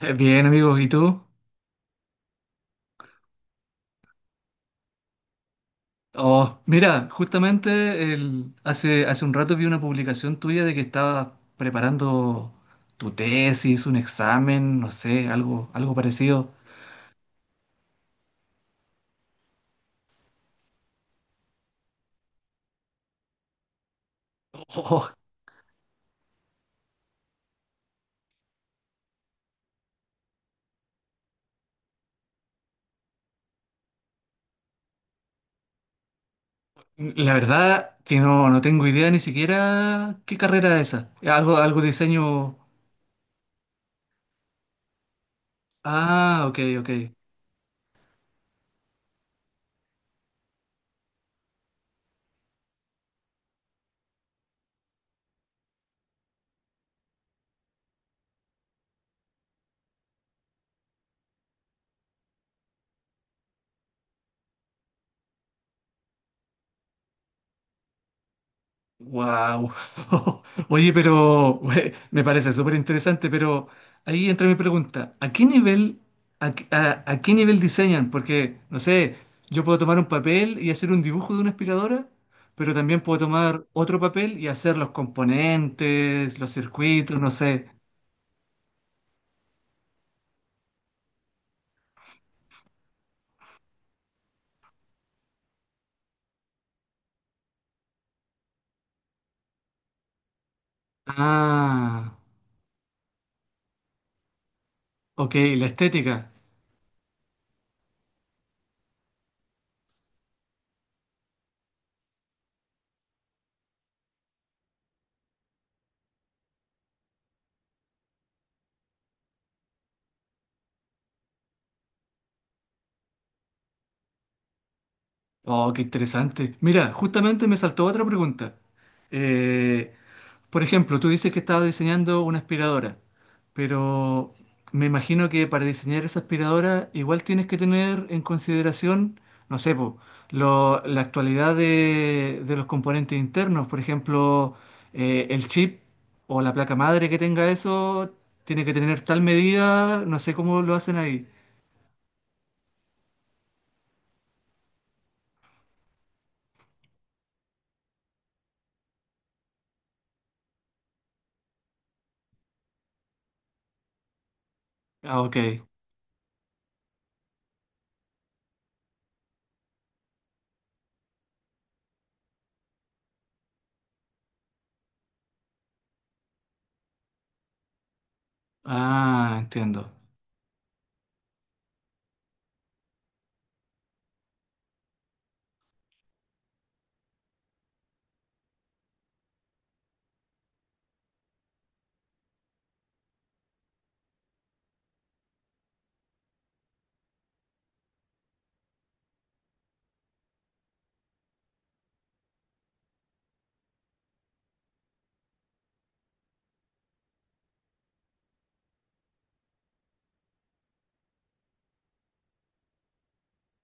Bien, amigo, ¿y tú? Oh, mira, justamente hace un rato vi una publicación tuya de que estabas preparando tu tesis, un examen, no sé, algo parecido. Oh, la verdad que no, no tengo idea ni siquiera qué carrera es esa. Algo, algo de diseño. Ah, ok, ok. Wow. Oye, pero me parece súper interesante, pero ahí entra mi pregunta. ¿A qué nivel, a qué nivel diseñan? Porque, no sé, yo puedo tomar un papel y hacer un dibujo de una aspiradora, pero también puedo tomar otro papel y hacer los componentes, los circuitos, no sé. Ah, ok, la estética. Oh, qué interesante. Mira, justamente me saltó otra pregunta. Eh, por ejemplo, tú dices que estabas diseñando una aspiradora, pero me imagino que para diseñar esa aspiradora igual tienes que tener en consideración, no sé, po, la actualidad de los componentes internos. Por ejemplo, el chip o la placa madre que tenga eso tiene que tener tal medida, no sé cómo lo hacen ahí. Ah, ok. Ah, entiendo.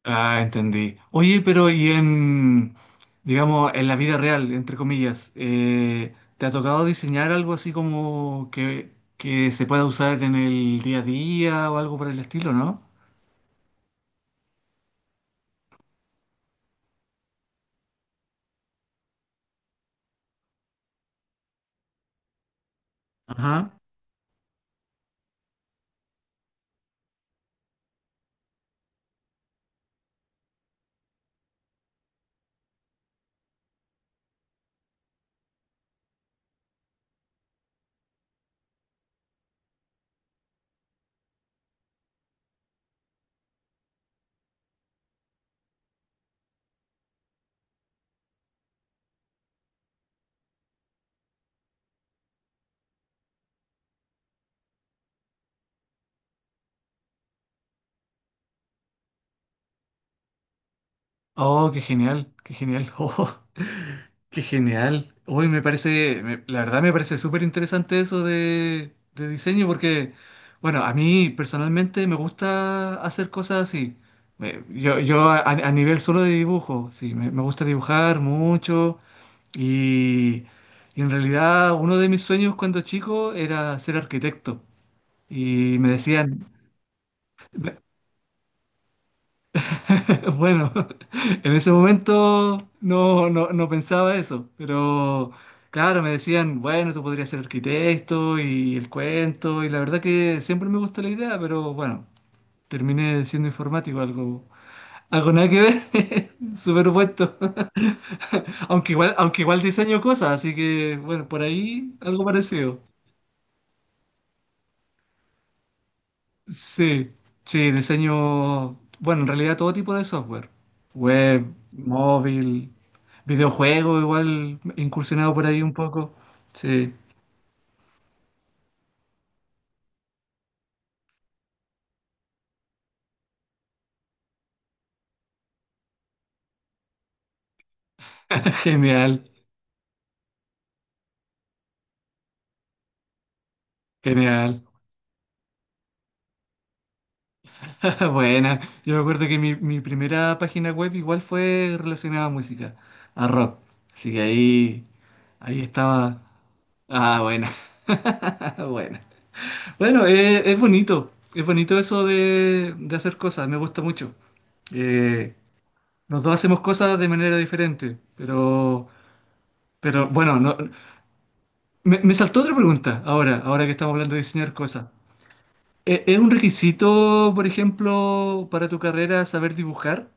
Ah, entendí. Oye, pero y en, digamos, en la vida real, entre comillas, ¿te ha tocado diseñar algo así como que se pueda usar en el día a día o algo por el estilo, ¿no? Ajá. Oh, qué genial, qué genial. Oh, qué genial. Uy, me parece, me- la verdad me parece súper interesante eso de diseño porque, bueno, a mí personalmente me gusta hacer cosas así. Me- Yo a nivel solo de dibujo, sí, me gusta dibujar mucho y, y en realidad uno de mis sueños cuando chico era ser arquitecto. Y me decían, bueno, en ese momento no, no, no pensaba eso, pero claro, me decían, bueno, tú podrías ser arquitecto y el cuento, y la verdad que siempre me gustó la idea, pero bueno, terminé siendo informático, algo, algo nada que ver, superpuesto. Aunque igual diseño cosas, así que bueno, por ahí algo parecido. Sí, sí, diseño, bueno, en realidad todo tipo de software, web, móvil, videojuego, igual incursionado por ahí un poco. Sí, genial, genial. Buena, yo me acuerdo que mi primera página web igual fue relacionada a música, a rock. Así que ahí, ahí estaba. Ah, buena, buena. Bueno, es bonito eso de hacer cosas, me gusta mucho. Eh, Los dos hacemos cosas de manera diferente, pero bueno, no- me saltó otra pregunta ahora, ahora que estamos hablando de diseñar cosas. ¿Es un requisito, por ejemplo, para tu carrera saber dibujar?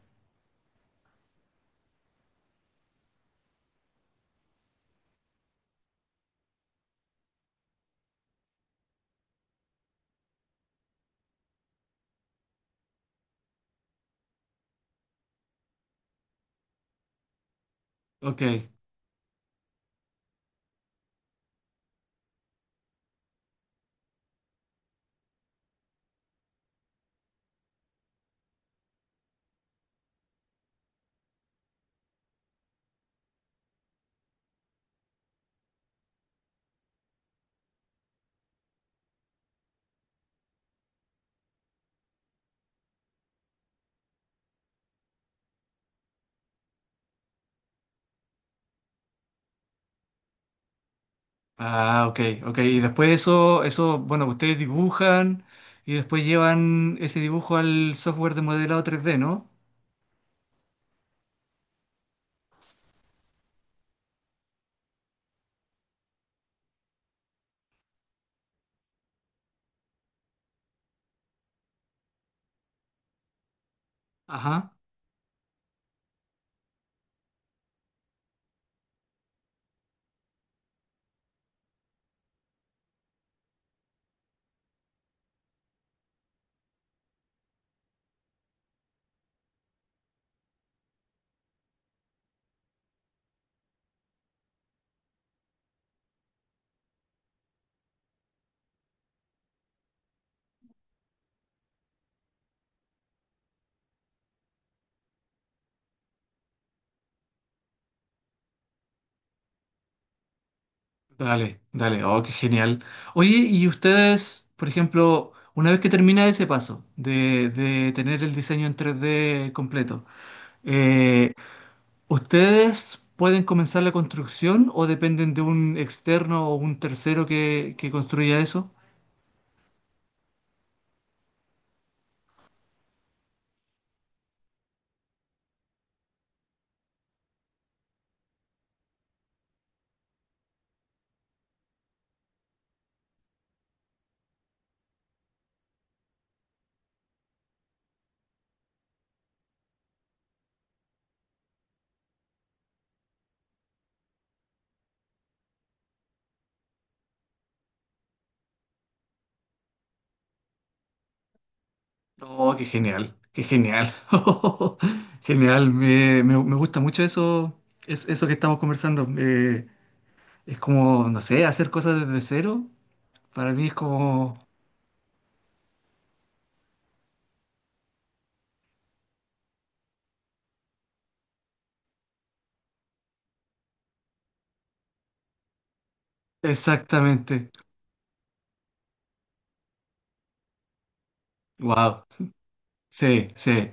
Ok, ah, ok, ok. Y después eso, eso, bueno, ustedes dibujan y después llevan ese dibujo al software de modelado 3D, ¿no? Ajá. Dale, dale, oh, qué genial. Oye, y ustedes, por ejemplo, una vez que termina ese paso de tener el diseño en 3D completo, eh, ¿ustedes pueden comenzar la construcción o dependen de un externo o un tercero que construya eso? Oh, qué genial, qué genial. Genial, me- me gusta mucho eso, es, eso que estamos conversando. Es como, no sé, hacer cosas desde cero, para mí es como... Exactamente. Wow, sí, sí.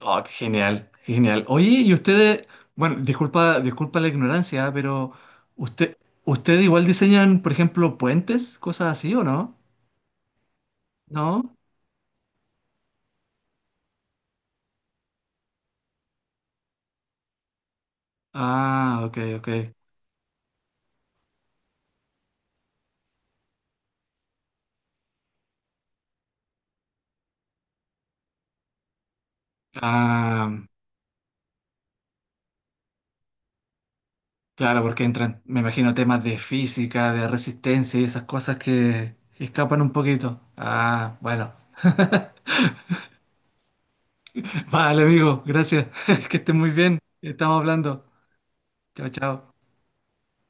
Oh, qué genial, qué genial. Oye, y ustedes, bueno, disculpa, disculpa la ignorancia, pero usted, ¿ustedes igual diseñan, por ejemplo, puentes, cosas así o no? ¿No? Ah, ok, ok. Ah, claro, porque entran, me imagino, temas de física, de resistencia y esas cosas que escapan un poquito. Ah, bueno. Vale, amigo, gracias. Que esté muy bien. Estamos hablando. Chao, chao.